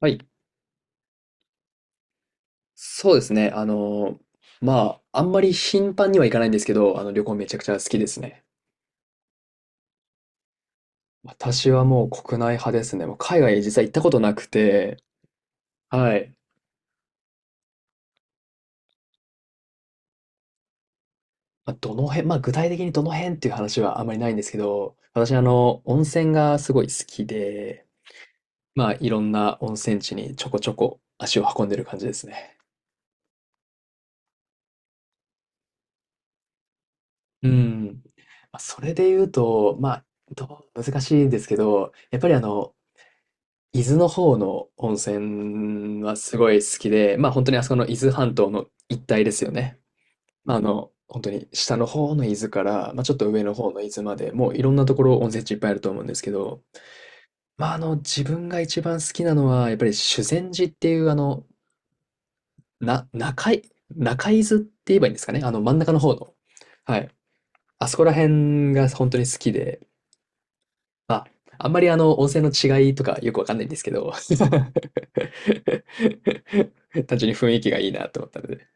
はい。そうですね。あんまり頻繁には行かないんですけど、旅行めちゃくちゃ好きですね。私はもう国内派ですね。もう海外実際行ったことなくて、はい。まあ、どの辺、まあ、具体的にどの辺っていう話はあんまりないんですけど、私、温泉がすごい好きで、まあ、いろんな温泉地にちょこちょこ足を運んでる感じですね。うん。まあそれで言うと、まあ、どう難しいんですけど、やっぱり伊豆の方の温泉はすごい好きで、まあ本当にあそこの伊豆半島の一帯ですよね。本当に下の方の伊豆から、まあちょっと上の方の伊豆まで、もういろんなところ温泉地いっぱいあると思うんですけど、自分が一番好きなのは、やっぱり修善寺っていうあの、な、中い、中伊豆って言えばいいんですかね。あの真ん中の方の。はい。あそこら辺が本当に好きで、あ、あんまり温泉の違いとかよくわかんないんですけど、単純に雰囲気がいいなと思ったので。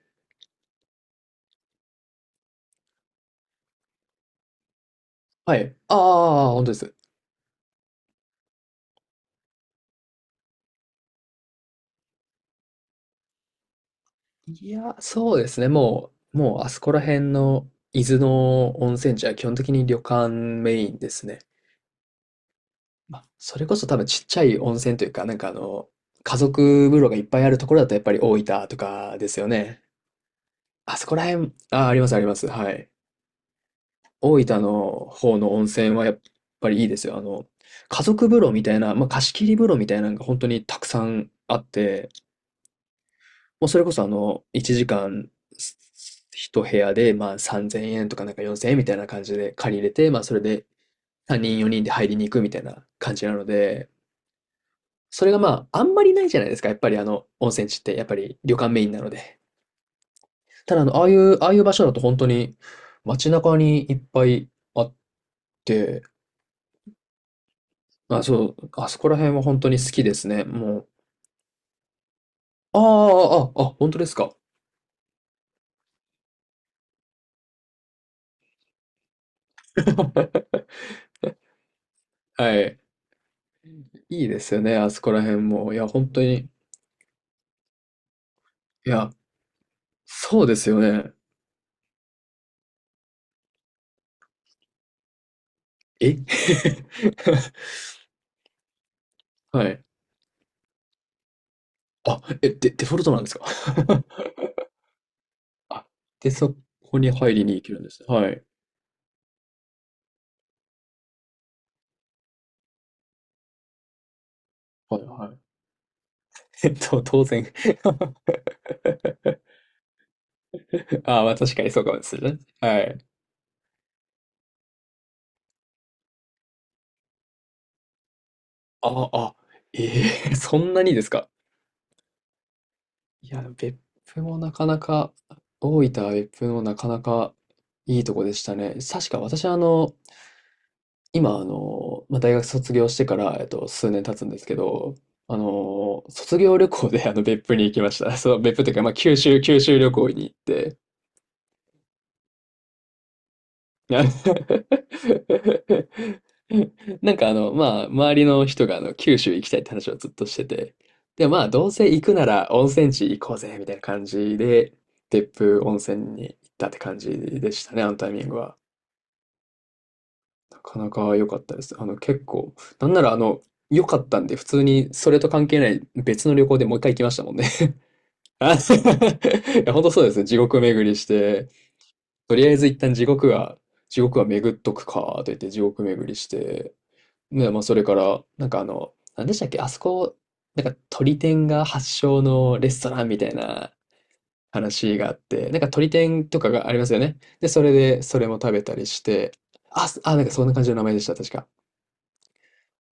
はい。ああ、本当です。いや、そうですね。もうあそこら辺の伊豆の温泉地は基本的に旅館メインですね。まあ、それこそ多分ちっちゃい温泉というか、家族風呂がいっぱいあるところだとやっぱり大分とかですよね。あそこら辺、あ、あります。はい。大分の方の温泉はやっぱりいいですよ。家族風呂みたいな、まあ、貸し切り風呂みたいなのが本当にたくさんあって、もうそれこそあの、1時間一部屋で、まあ、3000円とかなんか4000円みたいな感じで借りれて、まあ、それで3人4人で入りに行くみたいな感じなので、それがまあ、あんまりないじゃないですか。やっぱり温泉地って、やっぱり旅館メインなので。ただあの、ああいう、ああいう場所だと本当に街中にいっぱいあって、あ、そう、あそこら辺は本当に好きですね。もう、本当ですか。はい。いいですよね、あそこら辺も。いや、本当に。いや、そうですよね。え はい。あ、え、デフォルトなんですか？ あ、で、そこに入りに行けるんですね。はい。はい、はい。当然あ あ、まあ確かにそうかもしれない。はい。ああ、ええそんなにですか？いや、別府もなかなか、大分は別府もなかなかいいとこでしたね。確か私はあの、今あの、まあ、大学卒業してから、数年経つんですけど、卒業旅行であの別府に行きました。そう、別府というか、まあ、九州旅行に行って、なまあ、周りの人が九州行きたいって話をずっとしてて、で、まあ、どうせ行くなら温泉地行こうぜ、みたいな感じで、別府温泉に行ったって感じでしたね、あのタイミングは。なかなか良かったです。あの、結構、なんなら良かったんで、普通にそれと関係ない別の旅行でもう一回行きましたもんね。あ いや、本当そうですね。地獄巡りして、とりあえず一旦地獄は巡っとくか、と言って地獄巡りして、ね、まあ、それから、なんでしたっけ、あそこ、なんか鳥天が発祥のレストランみたいな話があって、なんか鳥天とかがありますよね。で、それで、それも食べたりして、なんかそんな感じの名前でした、確か。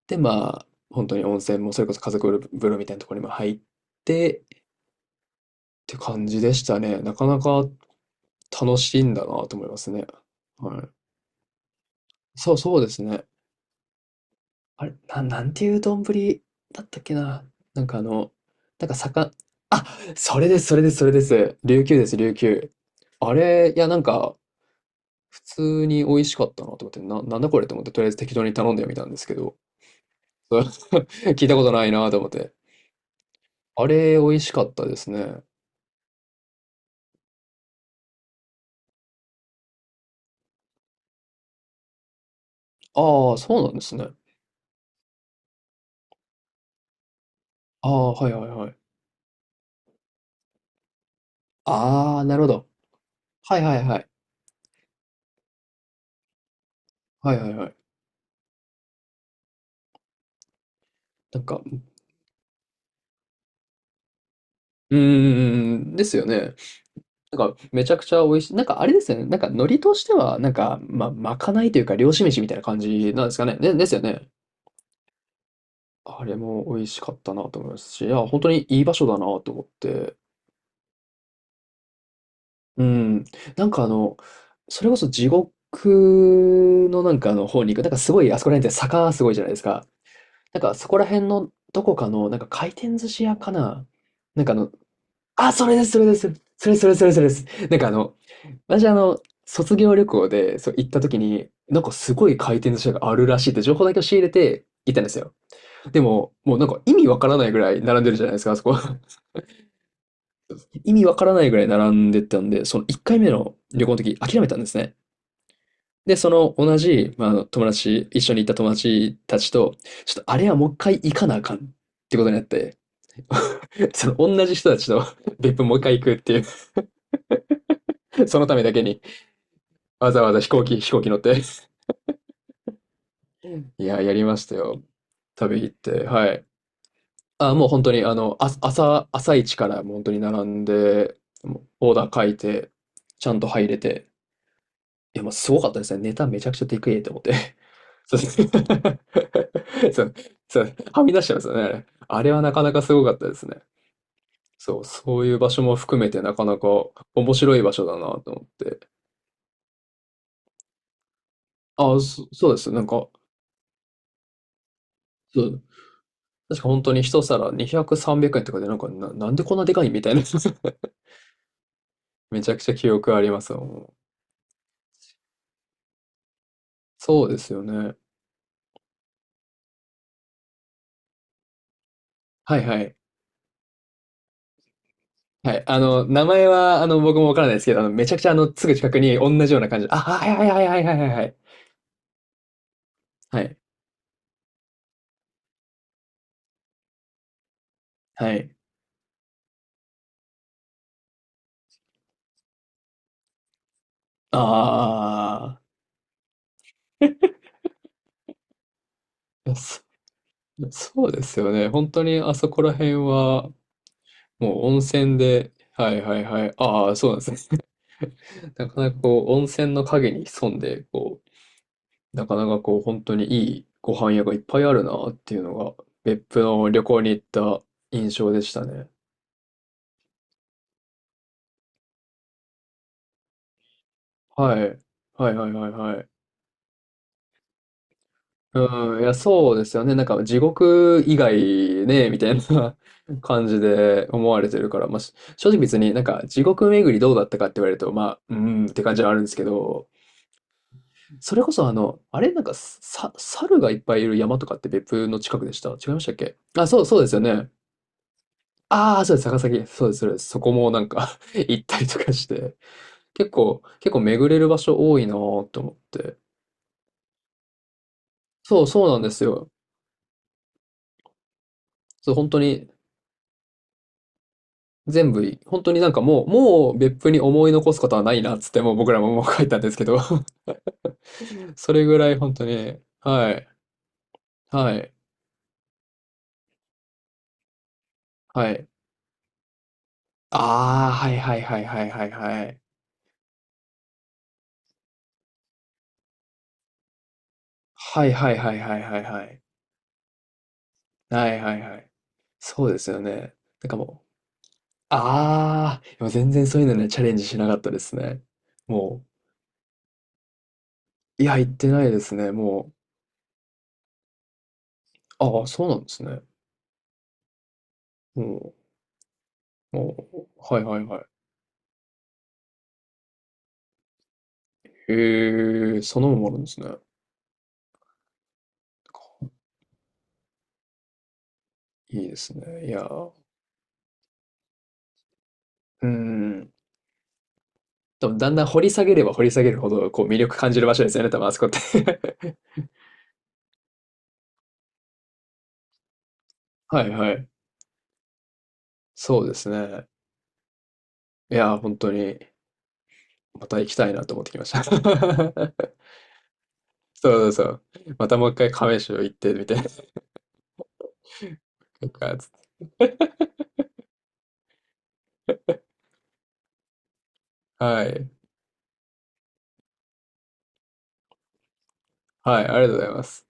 で、まあ、本当に温泉も、それこそ家族風呂みたいなところにも入って、って感じでしたね。なかなか楽しいんだなと思いますね。はい。そう、そうですね。あれ、なんていう丼だったっけな。なんかあの、なんか魚。あ、それです。琉球です、琉球。あれ、いや、なんか、普通に美味しかったなと思って、なんだこれと思って、とりあえず適当に頼んでみたんですけど、そう 聞いたことないなと思って。あれ、美味しかったですね。ああ、そうなんですね。ああ、はいはいはい。ああ、なるほど。はいはいはい。はいはいはい。なんか、うん、ですよね。なんか、めちゃくちゃ美味しい。なんか、あれですよね。なんか、海苔としては、なんか、まあ、まかないというか、漁師飯みたいな感じなんですかね。ね、ですよね。あれも美味しかったなと思いますし、いや、本当にいい場所だなと思って。うん。なんか、あの、それこそ地獄のなんかあの方に行く。なんか、すごい、あそこら辺って坂すごいじゃないですか。なんか、そこら辺のどこかの、なんか、回転寿司屋かな。なんかあの、あ、それです。なんかあの、私、卒業旅行で、そう、行った時に、なんかすごい回転寿司屋があるらしいって情報だけを仕入れて行ったんですよ。でも、もうなんか意味わからないぐらい並んでるじゃないですか、あそこ。意味わからないぐらい並んでたんで、その1回目の旅行の時諦めたんですね。で、その同じ、まあ、あの友達、一緒に行った友達たちと、ちょっとあれはもう一回行かなあかんってことになって、その同じ人たちと別府もう一回行くっていう、そのためだけにわざわざ飛行機乗っていや、やりましたよ。旅行って。はい。あ、もう本当に、朝一からもう本当に並んで、もうオーダー書いて、ちゃんと入れて。いや、もうすごかったですね。ネタめちゃくちゃでけえと思って。そうです そう、そう、はみ出してますよね。あれはなかなかすごかったですね。そう、そういう場所も含めてなかなか面白い場所だなと思って。そうです。なんか、そう、確か本当に一皿200、300円とかで、なんでこんなでかいみたいな。めちゃくちゃ記憶ありますわもう。そうですよね。はいはい。はい。あの、名前は、あの、僕もわからないですけど、あの、めちゃくちゃ、あの、すぐ近くに同じような感じ。あ、はいはいはいはいはいはいはい。はい。はい。ああ。いやそそうですよね。本当にあそこら辺は、もう温泉で、はいはいはい。ああ、そうなんですね。なかなかこう、温泉の影に潜んで、こう、なかなかこう、本当にいいご飯屋がいっぱいあるなっていうのが、別府の旅行に行った印象でしたね。はい。はいはいはいはい。うん、いや、そうですよね。なんか、地獄以外ね、みたいな 感じで思われてるから、まあ、正直別になんか、地獄巡りどうだったかって言われると、まあ、うーんって感じはあるんですけど、それこそあの、あれなんか、猿がいっぱいいる山とかって別府の近くでした違いましたっけ？あ、そう、そうですよね。ああ、そうです、高崎そうです、そうです。そこもなんか 行ったりとかして、結構巡れる場所多いなーって思って。そう、そうなんですよ。そう、本当に、全部いい、本当になんかもう、もう別府に思い残すことはないなっつって、もう僕らももう書いたんですけど それぐらい本当に、はい、はい。ああ、はいはいはいはいはいはい。はいはいはいはいはいはい。はいはいはい。そうですよね。なんかもう、ああ、でも全然そういうのね、チャレンジしなかったですね。もう、いや、行ってないですね。もう、ああ、そうなんですね。もう、もう、はいはいはい。へえ、そのもあるんですね。いいですね。いやー、うん。でもだんだん掘り下げれば掘り下げるほど、こう、魅力感じる場所ですよね、多分あそこって。はいはい。そうですね。いやー、本当に、また行きたいなと思ってきました。そうそうそう。またもう一回亀州行ってみて。なんかつってはい。はい、ありがとうございます。